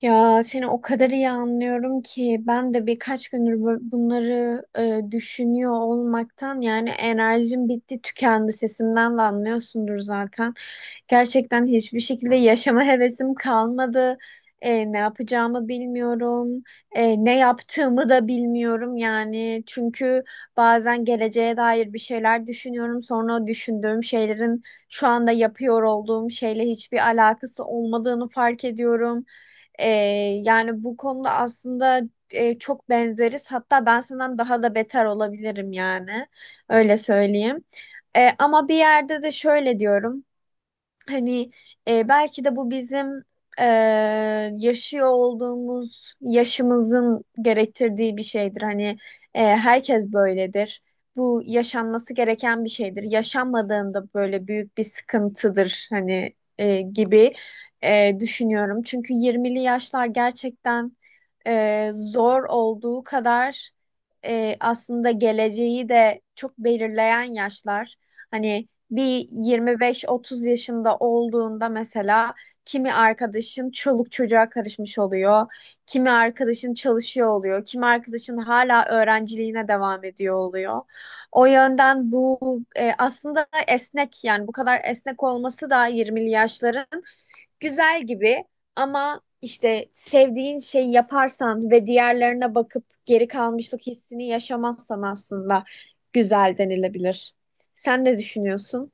Ya seni o kadar iyi anlıyorum ki ben de birkaç gündür bunları düşünüyor olmaktan yani enerjim bitti tükendi sesimden de anlıyorsundur zaten. Gerçekten hiçbir şekilde yaşama hevesim kalmadı. Ne yapacağımı bilmiyorum. Ne yaptığımı da bilmiyorum yani. Çünkü bazen geleceğe dair bir şeyler düşünüyorum. Sonra o düşündüğüm şeylerin şu anda yapıyor olduğum şeyle hiçbir alakası olmadığını fark ediyorum. Ee, Yani bu konuda aslında çok benzeriz. Hatta ben senden daha da beter olabilirim yani. Öyle söyleyeyim. Ama bir yerde de şöyle diyorum. Hani belki de bu bizim e, yaşıyor olduğumuz yaşımızın gerektirdiği bir şeydir. Hani herkes böyledir. Bu yaşanması gereken bir şeydir. Yaşanmadığında böyle büyük bir sıkıntıdır hani gibi düşünüyorum. Çünkü 20'li yaşlar gerçekten zor olduğu kadar aslında geleceği de çok belirleyen yaşlar. Hani bir 25-30 yaşında olduğunda mesela kimi arkadaşın çoluk çocuğa karışmış oluyor, kimi arkadaşın çalışıyor oluyor, kimi arkadaşın hala öğrenciliğine devam ediyor oluyor. O yönden bu aslında esnek yani bu kadar esnek olması da 20'li yaşların güzel gibi ama işte sevdiğin şeyi yaparsan ve diğerlerine bakıp geri kalmışlık hissini yaşamazsan aslında güzel denilebilir. Sen ne düşünüyorsun?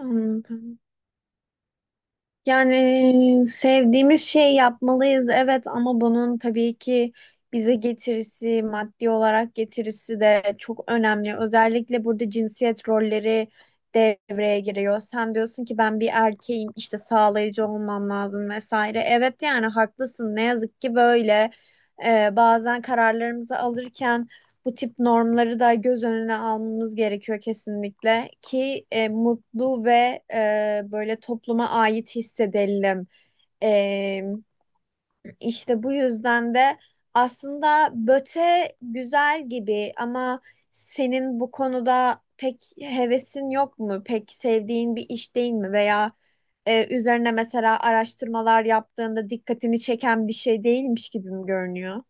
Anladım. Yani sevdiğimiz şey yapmalıyız, evet, ama bunun tabii ki bize getirisi, maddi olarak getirisi de çok önemli. Özellikle burada cinsiyet rolleri devreye giriyor. Sen diyorsun ki ben bir erkeğim işte sağlayıcı olmam lazım vesaire. Evet yani haklısın, ne yazık ki böyle. Bazen kararlarımızı alırken bu tip normları da göz önüne almamız gerekiyor kesinlikle ki mutlu ve böyle topluma ait hissedelim. E, işte bu yüzden de aslında BÖTE güzel gibi ama senin bu konuda pek hevesin yok mu? Pek sevdiğin bir iş değil mi? Veya üzerine mesela araştırmalar yaptığında dikkatini çeken bir şey değilmiş gibi mi görünüyor?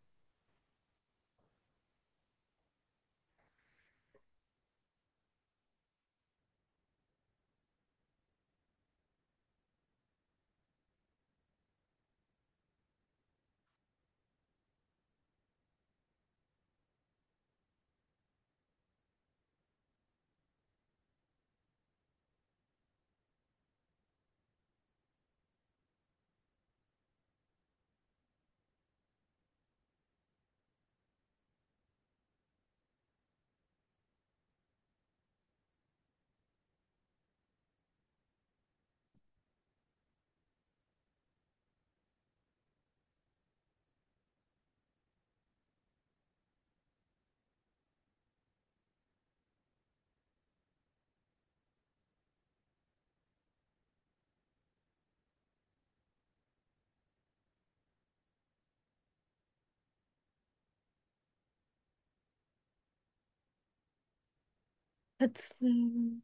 Katılıyorum.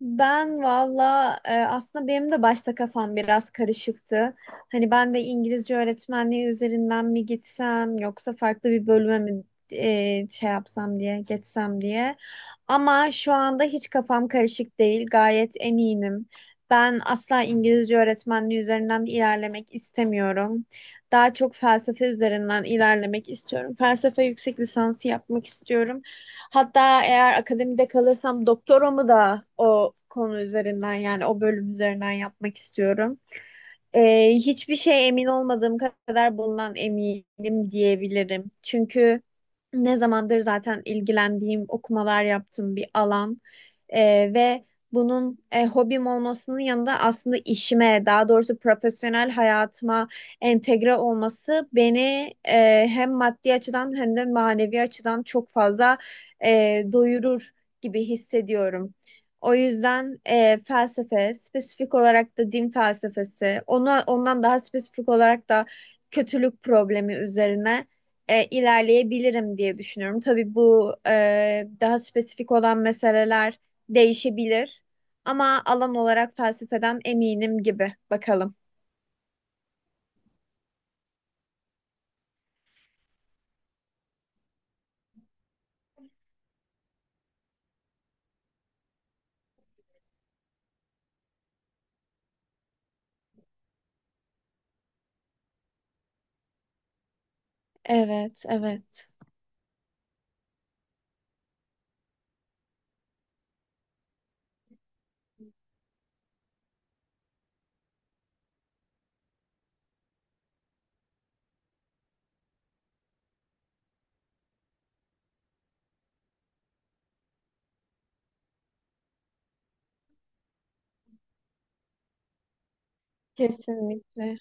Ben valla aslında benim de başta kafam biraz karışıktı. Hani ben de İngilizce öğretmenliği üzerinden mi gitsem yoksa farklı bir bölüme mi şey yapsam diye geçsem diye. Ama şu anda hiç kafam karışık değil. Gayet eminim. Ben asla İngilizce öğretmenliği üzerinden ilerlemek istemiyorum. Daha çok felsefe üzerinden ilerlemek istiyorum. Felsefe yüksek lisansı yapmak istiyorum. Hatta eğer akademide kalırsam doktoramı da o konu üzerinden yani o bölüm üzerinden yapmak istiyorum. Hiçbir şey emin olmadığım kadar bundan eminim diyebilirim. Çünkü ne zamandır zaten ilgilendiğim, okumalar yaptığım bir alan. Ve bunun hobim olmasının yanında aslında işime, daha doğrusu profesyonel hayatıma entegre olması beni hem maddi açıdan hem de manevi açıdan çok fazla doyurur gibi hissediyorum. O yüzden felsefe, spesifik olarak da din felsefesi, ondan daha spesifik olarak da kötülük problemi üzerine ilerleyebilirim diye düşünüyorum. Tabii bu daha spesifik olan meseleler değişebilir ama alan olarak felsefeden eminim gibi. Bakalım. Evet, evet. Kesinlikle.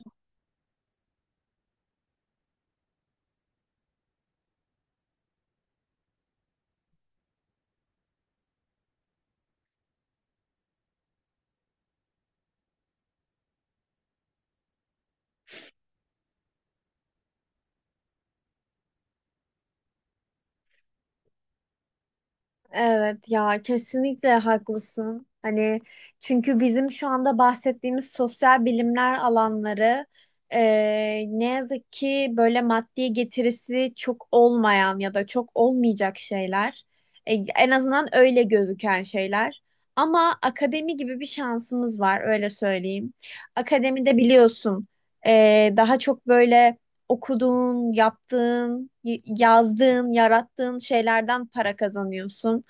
Evet ya, kesinlikle haklısın. Hani çünkü bizim şu anda bahsettiğimiz sosyal bilimler alanları ne yazık ki böyle maddi getirisi çok olmayan ya da çok olmayacak şeyler. En azından öyle gözüken şeyler. Ama akademi gibi bir şansımız var, öyle söyleyeyim. Akademide biliyorsun daha çok böyle okuduğun, yaptığın, yazdığın, yarattığın şeylerden para kazanıyorsun,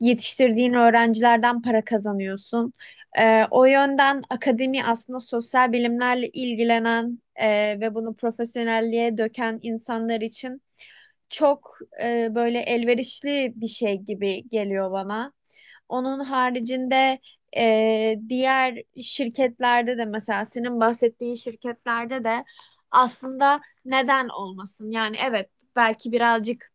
yetiştirdiğin öğrencilerden para kazanıyorsun. O yönden akademi aslında sosyal bilimlerle ilgilenen ve bunu profesyonelliğe döken insanlar için çok böyle elverişli bir şey gibi geliyor bana. Onun haricinde diğer şirketlerde de mesela senin bahsettiğin şirketlerde de aslında neden olmasın? Yani evet, belki birazcık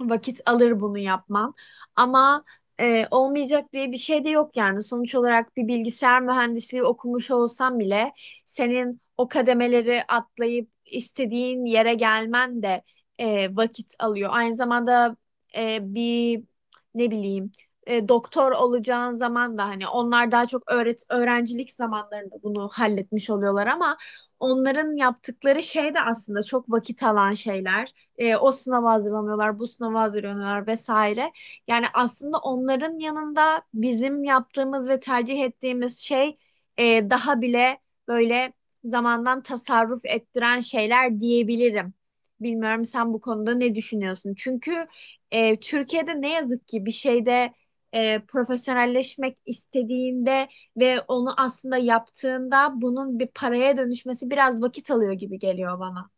vakit alır bunu yapmam. Ama olmayacak diye bir şey de yok yani. Sonuç olarak bir bilgisayar mühendisliği okumuş olsam bile senin o kademeleri atlayıp istediğin yere gelmen de vakit alıyor. Aynı zamanda bir ne bileyim doktor olacağın zaman da hani onlar daha çok öğrencilik zamanlarında bunu halletmiş oluyorlar ama onların yaptıkları şey de aslında çok vakit alan şeyler. O sınava hazırlanıyorlar, bu sınava hazırlanıyorlar vesaire. Yani aslında onların yanında bizim yaptığımız ve tercih ettiğimiz şey daha bile böyle zamandan tasarruf ettiren şeyler diyebilirim. Bilmiyorum, sen bu konuda ne düşünüyorsun? Çünkü Türkiye'de ne yazık ki bir şeyde profesyonelleşmek istediğinde ve onu aslında yaptığında bunun bir paraya dönüşmesi biraz vakit alıyor gibi geliyor bana.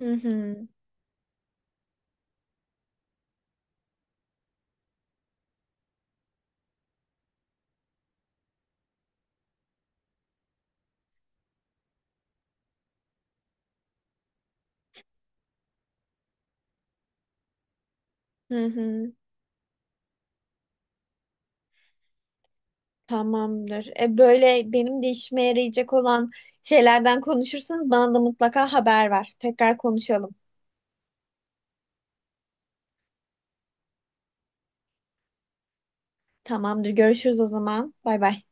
Hı hı. Hı hı. Tamamdır. Böyle benim de işime yarayacak olan şeylerden konuşursanız bana da mutlaka haber ver. Tekrar konuşalım. Tamamdır. Görüşürüz o zaman. Bay bay.